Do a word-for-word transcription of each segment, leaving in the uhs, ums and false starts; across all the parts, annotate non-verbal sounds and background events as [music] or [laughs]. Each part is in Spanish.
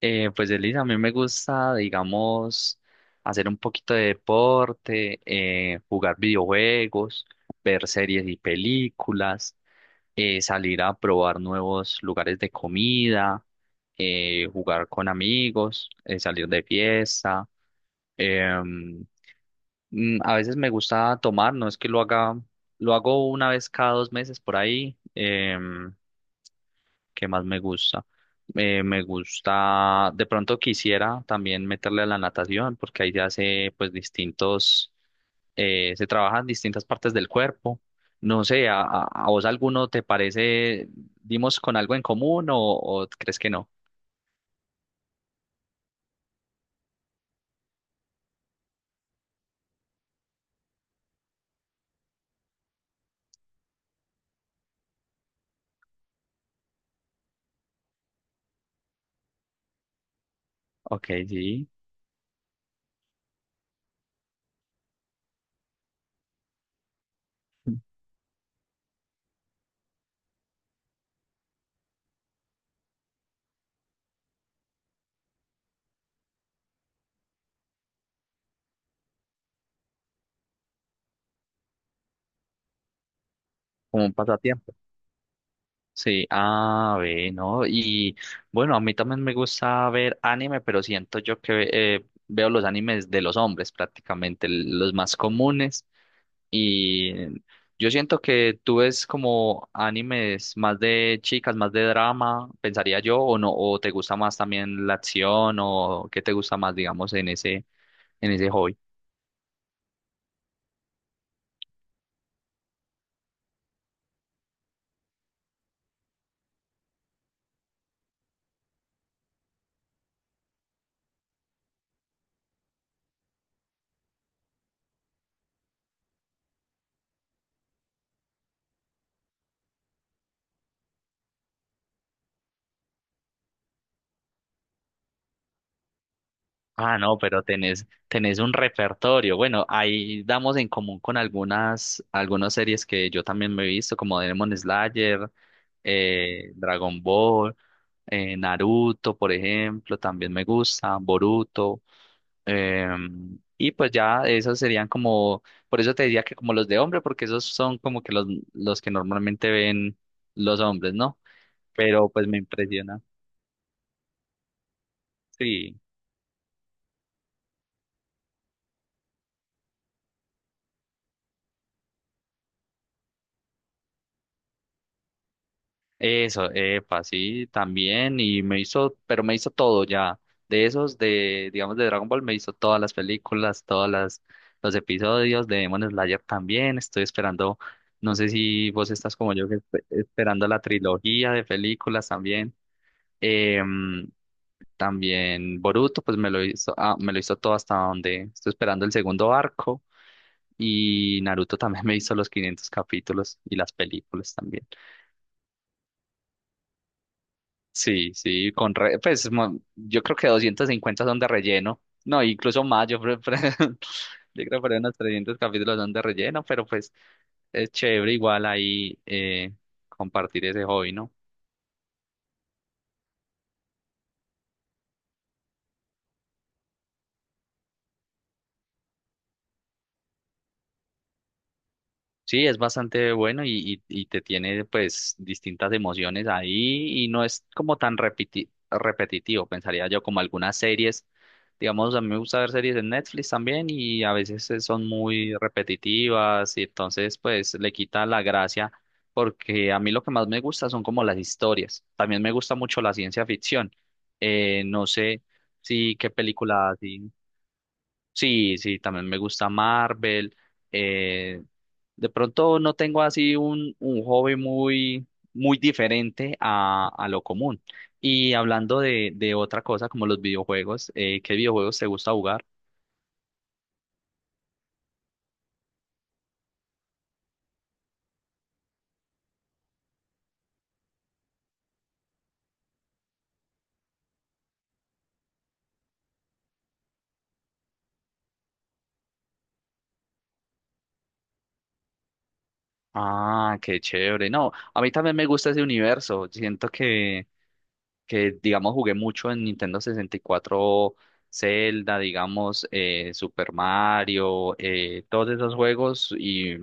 Eh, pues Elisa, a mí me gusta, digamos, hacer un poquito de deporte, eh, jugar videojuegos, ver series y películas, eh, salir a probar nuevos lugares de comida, eh, jugar con amigos, eh, salir de fiesta. em, mm, a veces me gusta tomar, no es que lo haga, lo hago una vez cada dos meses por ahí. em, ¿Qué más me gusta? Eh, me gusta, de pronto quisiera también meterle a la natación, porque ahí se hace pues distintos, eh, se trabajan distintas partes del cuerpo. No sé, ¿a, a- a vos alguno te parece, dimos con algo en común o, o crees que no? Ok, sí, como un pasatiempo. Sí, ah, ve, ¿no? Y bueno, a mí también me gusta ver anime, pero siento yo que eh, veo los animes de los hombres prácticamente, l- los más comunes. Y yo siento que tú ves como animes más de chicas, más de drama, pensaría yo, o no, o te gusta más también la acción, o qué te gusta más, digamos, en ese, en ese hobby. Ah, no, pero tenés, tenés un repertorio. Bueno, ahí damos en común con algunas, algunas series que yo también me he visto, como Demon Slayer, eh, Dragon Ball, eh, Naruto, por ejemplo, también me gusta, Boruto. Em, y pues ya esos serían como, por eso te decía que como los de hombre, porque esos son como que los, los que normalmente ven los hombres, ¿no? Pero pues me impresiona. Sí, eso, epa, sí, también. Y me hizo, pero me hizo todo ya. De esos, de, digamos, de Dragon Ball, me hizo todas las películas, todas las, los episodios, de Demon Slayer también. Estoy esperando, no sé si vos estás como yo, que espe- esperando la trilogía de películas también. Em, También Boruto, pues me lo hizo, ah, me lo hizo todo hasta donde estoy esperando el segundo arco. Y Naruto también [laughs] me hizo los quinientos capítulos y las películas también. Sí, sí, con re- pues mo- yo creo que doscientos cincuenta son de relleno. No, incluso más, yo, pre- pre- [laughs] yo creo que por ahí unos trescientos capítulos son de relleno, pero pues es chévere igual ahí eh, compartir ese hobby, ¿no? Sí, es bastante bueno y, y, y te tiene pues distintas emociones ahí y no es como tan repiti- repetitivo, pensaría yo, como algunas series. Digamos, a mí me gusta ver series en Netflix también y a veces eh, son muy repetitivas y entonces pues le quita la gracia porque a mí lo que más me gusta son como las historias. También me gusta mucho la ciencia ficción. Eh, no sé si qué película si sí, sí, también me gusta Marvel. eh, de pronto no tengo así un, un hobby muy, muy diferente a, a lo común. Y hablando de, de otra cosa como los videojuegos, eh, ¿qué videojuegos te gusta jugar? Ah, qué chévere. No, a mí también me gusta ese universo. Siento que que digamos jugué mucho en Nintendo sesenta y cuatro, Zelda, digamos, eh, Super Mario, eh, todos esos juegos y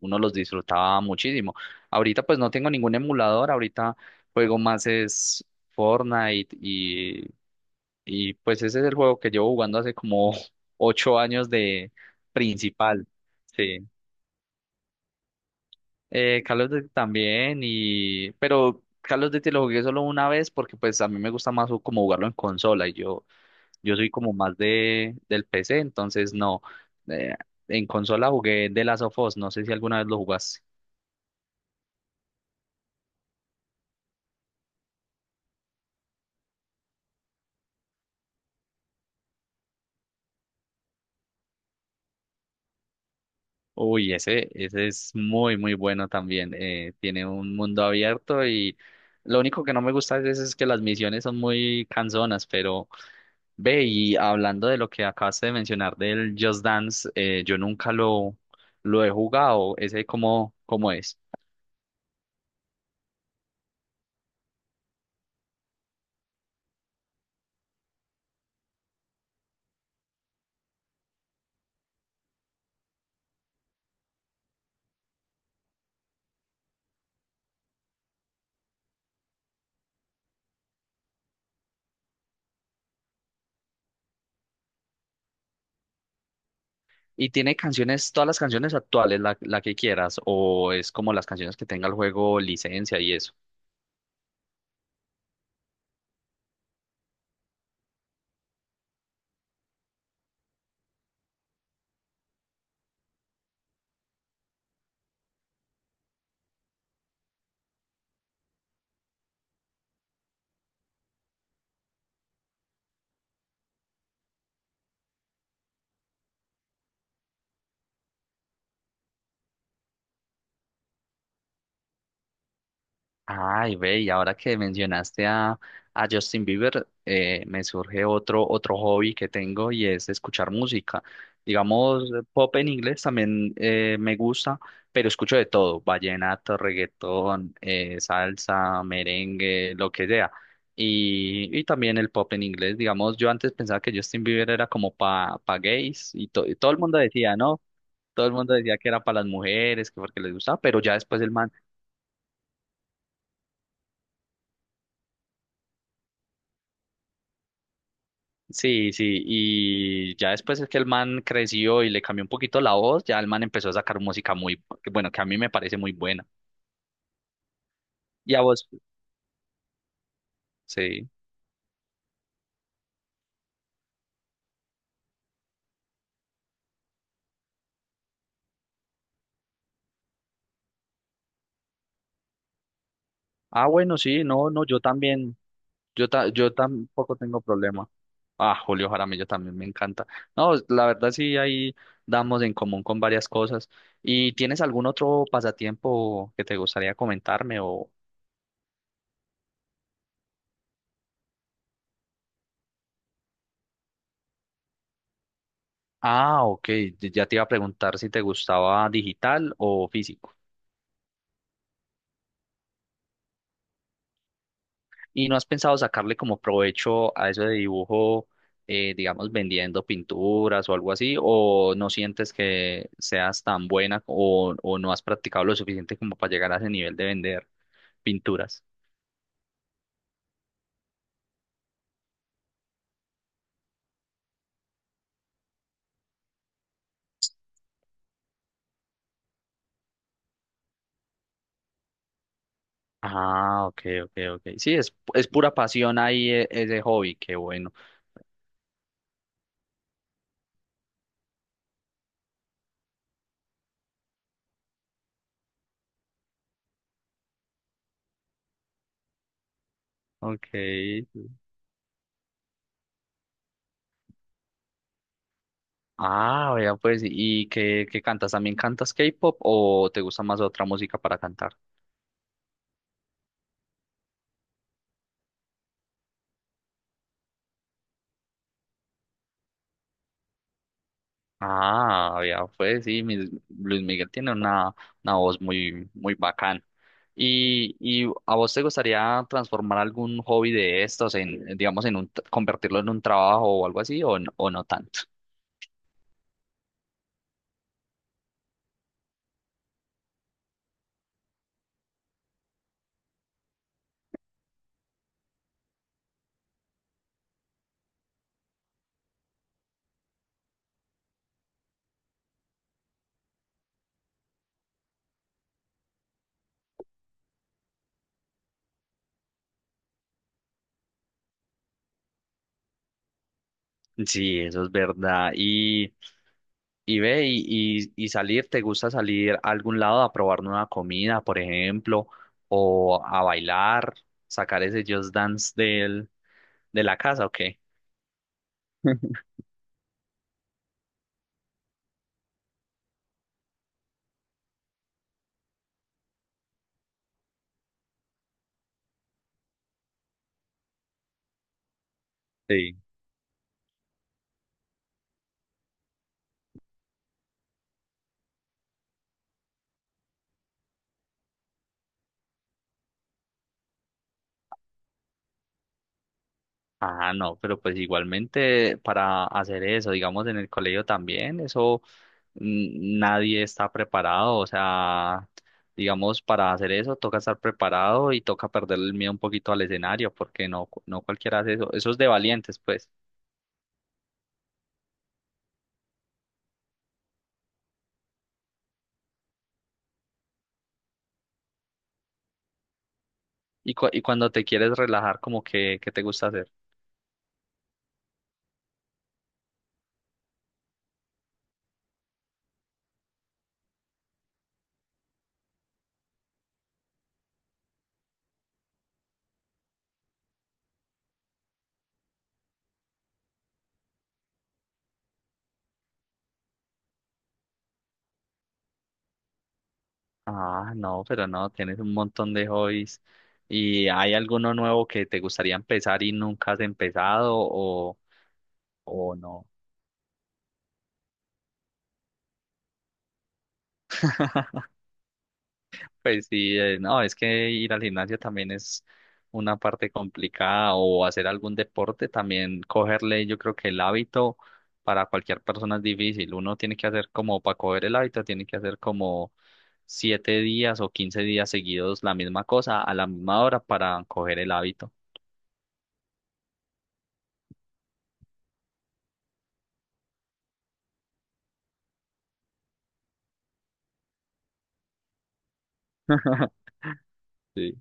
uno los disfrutaba muchísimo. Ahorita pues no tengo ningún emulador, ahorita juego más es Fortnite y, y pues ese es el juego que llevo jugando hace como [laughs] ocho años de principal. Sí. Eh, Call of Duty también, y... pero Call of Duty lo jugué solo una vez porque pues a mí me gusta más como jugarlo en consola y yo, yo soy como más de, del P C, entonces no. Eh, en consola jugué The Last of Us, no sé si alguna vez lo jugaste. Uy, ese, ese es muy, muy bueno también. Eh, tiene un mundo abierto y lo único que no me gusta a veces es que las misiones son muy cansonas, pero ve, y hablando de lo que acabaste de mencionar del Just Dance, eh, yo nunca lo, lo he jugado, ese cómo, cómo es. ¿Y tiene canciones, todas las canciones actuales, la, la que quieras, o es como las canciones que tenga el juego licencia y eso? Ay, ve, y ahora que mencionaste a, a Justin Bieber, eh, me surge otro, otro hobby que tengo y es escuchar música. Digamos, pop en inglés también eh, me gusta, pero escucho de todo, vallenato, reggaetón, eh, salsa, merengue, lo que sea. Y, y también el pop en inglés, digamos, yo antes pensaba que Justin Bieber era como para pa pa gays y, to- y todo el mundo decía, ¿no? Todo el mundo decía que era para las mujeres, que porque les gustaba, pero ya después el man sí, sí, y ya después es que el man creció y le cambió un poquito la voz, ya el man empezó a sacar música muy, que bueno, que a mí me parece muy buena. ¿Y a vos? Sí. Ah, bueno, sí, no, no, yo también, yo, ta- yo tampoco tengo problema. Ah, Julio Jaramillo también me encanta. No, la verdad sí, ahí damos en común con varias cosas. ¿Y tienes algún otro pasatiempo que te gustaría comentarme o... Ah, ok, ya te iba a preguntar si te gustaba digital o físico. ¿Y no has pensado sacarle como provecho a eso de dibujo, eh, digamos, vendiendo pinturas o algo así? ¿O no sientes que seas tan buena o, o no has practicado lo suficiente como para llegar a ese nivel de vender pinturas? Ah, ok, ok, ok. Sí, es, es pura pasión ahí e- ese hobby, qué bueno. Ok. Ah, vea pues, ¿y qué, qué cantas? ¿También cantas K-pop o te gusta más otra música para cantar? Ah, ya pues sí, mis- Luis Miguel tiene una, una voz muy, muy bacán. ¿Y, y a vos te gustaría transformar algún hobby de estos en, en, digamos, en un, t- convertirlo en un trabajo o algo así, o, n- o no tanto? Sí, eso es verdad. Y, y ve, y, y, y salir, ¿te gusta salir a algún lado a probar nueva comida, por ejemplo, o a bailar, sacar ese Just Dance del, de la casa, ¿o qué? Ah, no, pero pues igualmente para hacer eso, digamos en el colegio también, eso mm, nadie está preparado, o sea, digamos para hacer eso toca estar preparado y toca perder el miedo un poquito al escenario, porque no, cu- no cualquiera hace eso, eso es de valientes, pues. Y, cu- y cuando te quieres relajar, como que, ¿qué te gusta hacer? Ah, no, pero no, tienes un montón de hobbies. ¿Y hay alguno nuevo que te gustaría empezar y nunca has empezado o, o no? Pues sí, eh, no, es que ir al gimnasio también es una parte complicada o hacer algún deporte, también cogerle, yo creo que el hábito para cualquier persona es difícil. Uno tiene que hacer como, para coger el hábito, tiene que hacer como siete días o quince días seguidos la misma cosa a la misma hora para coger el hábito. Sí.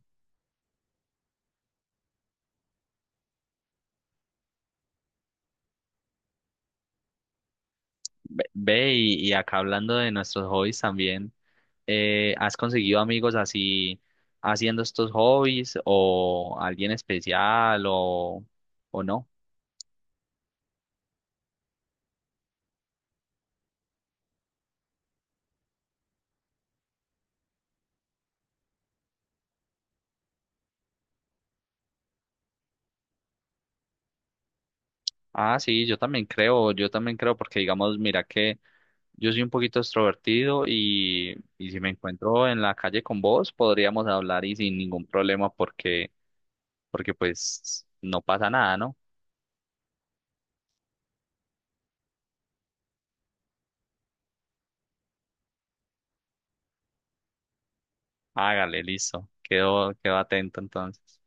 Ve, ve, y, y acá hablando de nuestros hobbies también. Eh, ¿has conseguido amigos así haciendo estos hobbies o alguien especial o, o no? Ah, sí, yo también creo, yo también creo porque digamos, mira que yo soy un poquito extrovertido y, y si me encuentro en la calle con vos, podríamos hablar y sin ningún problema porque, porque pues no pasa nada, ¿no? Hágale, listo, quedo, quedo atento entonces.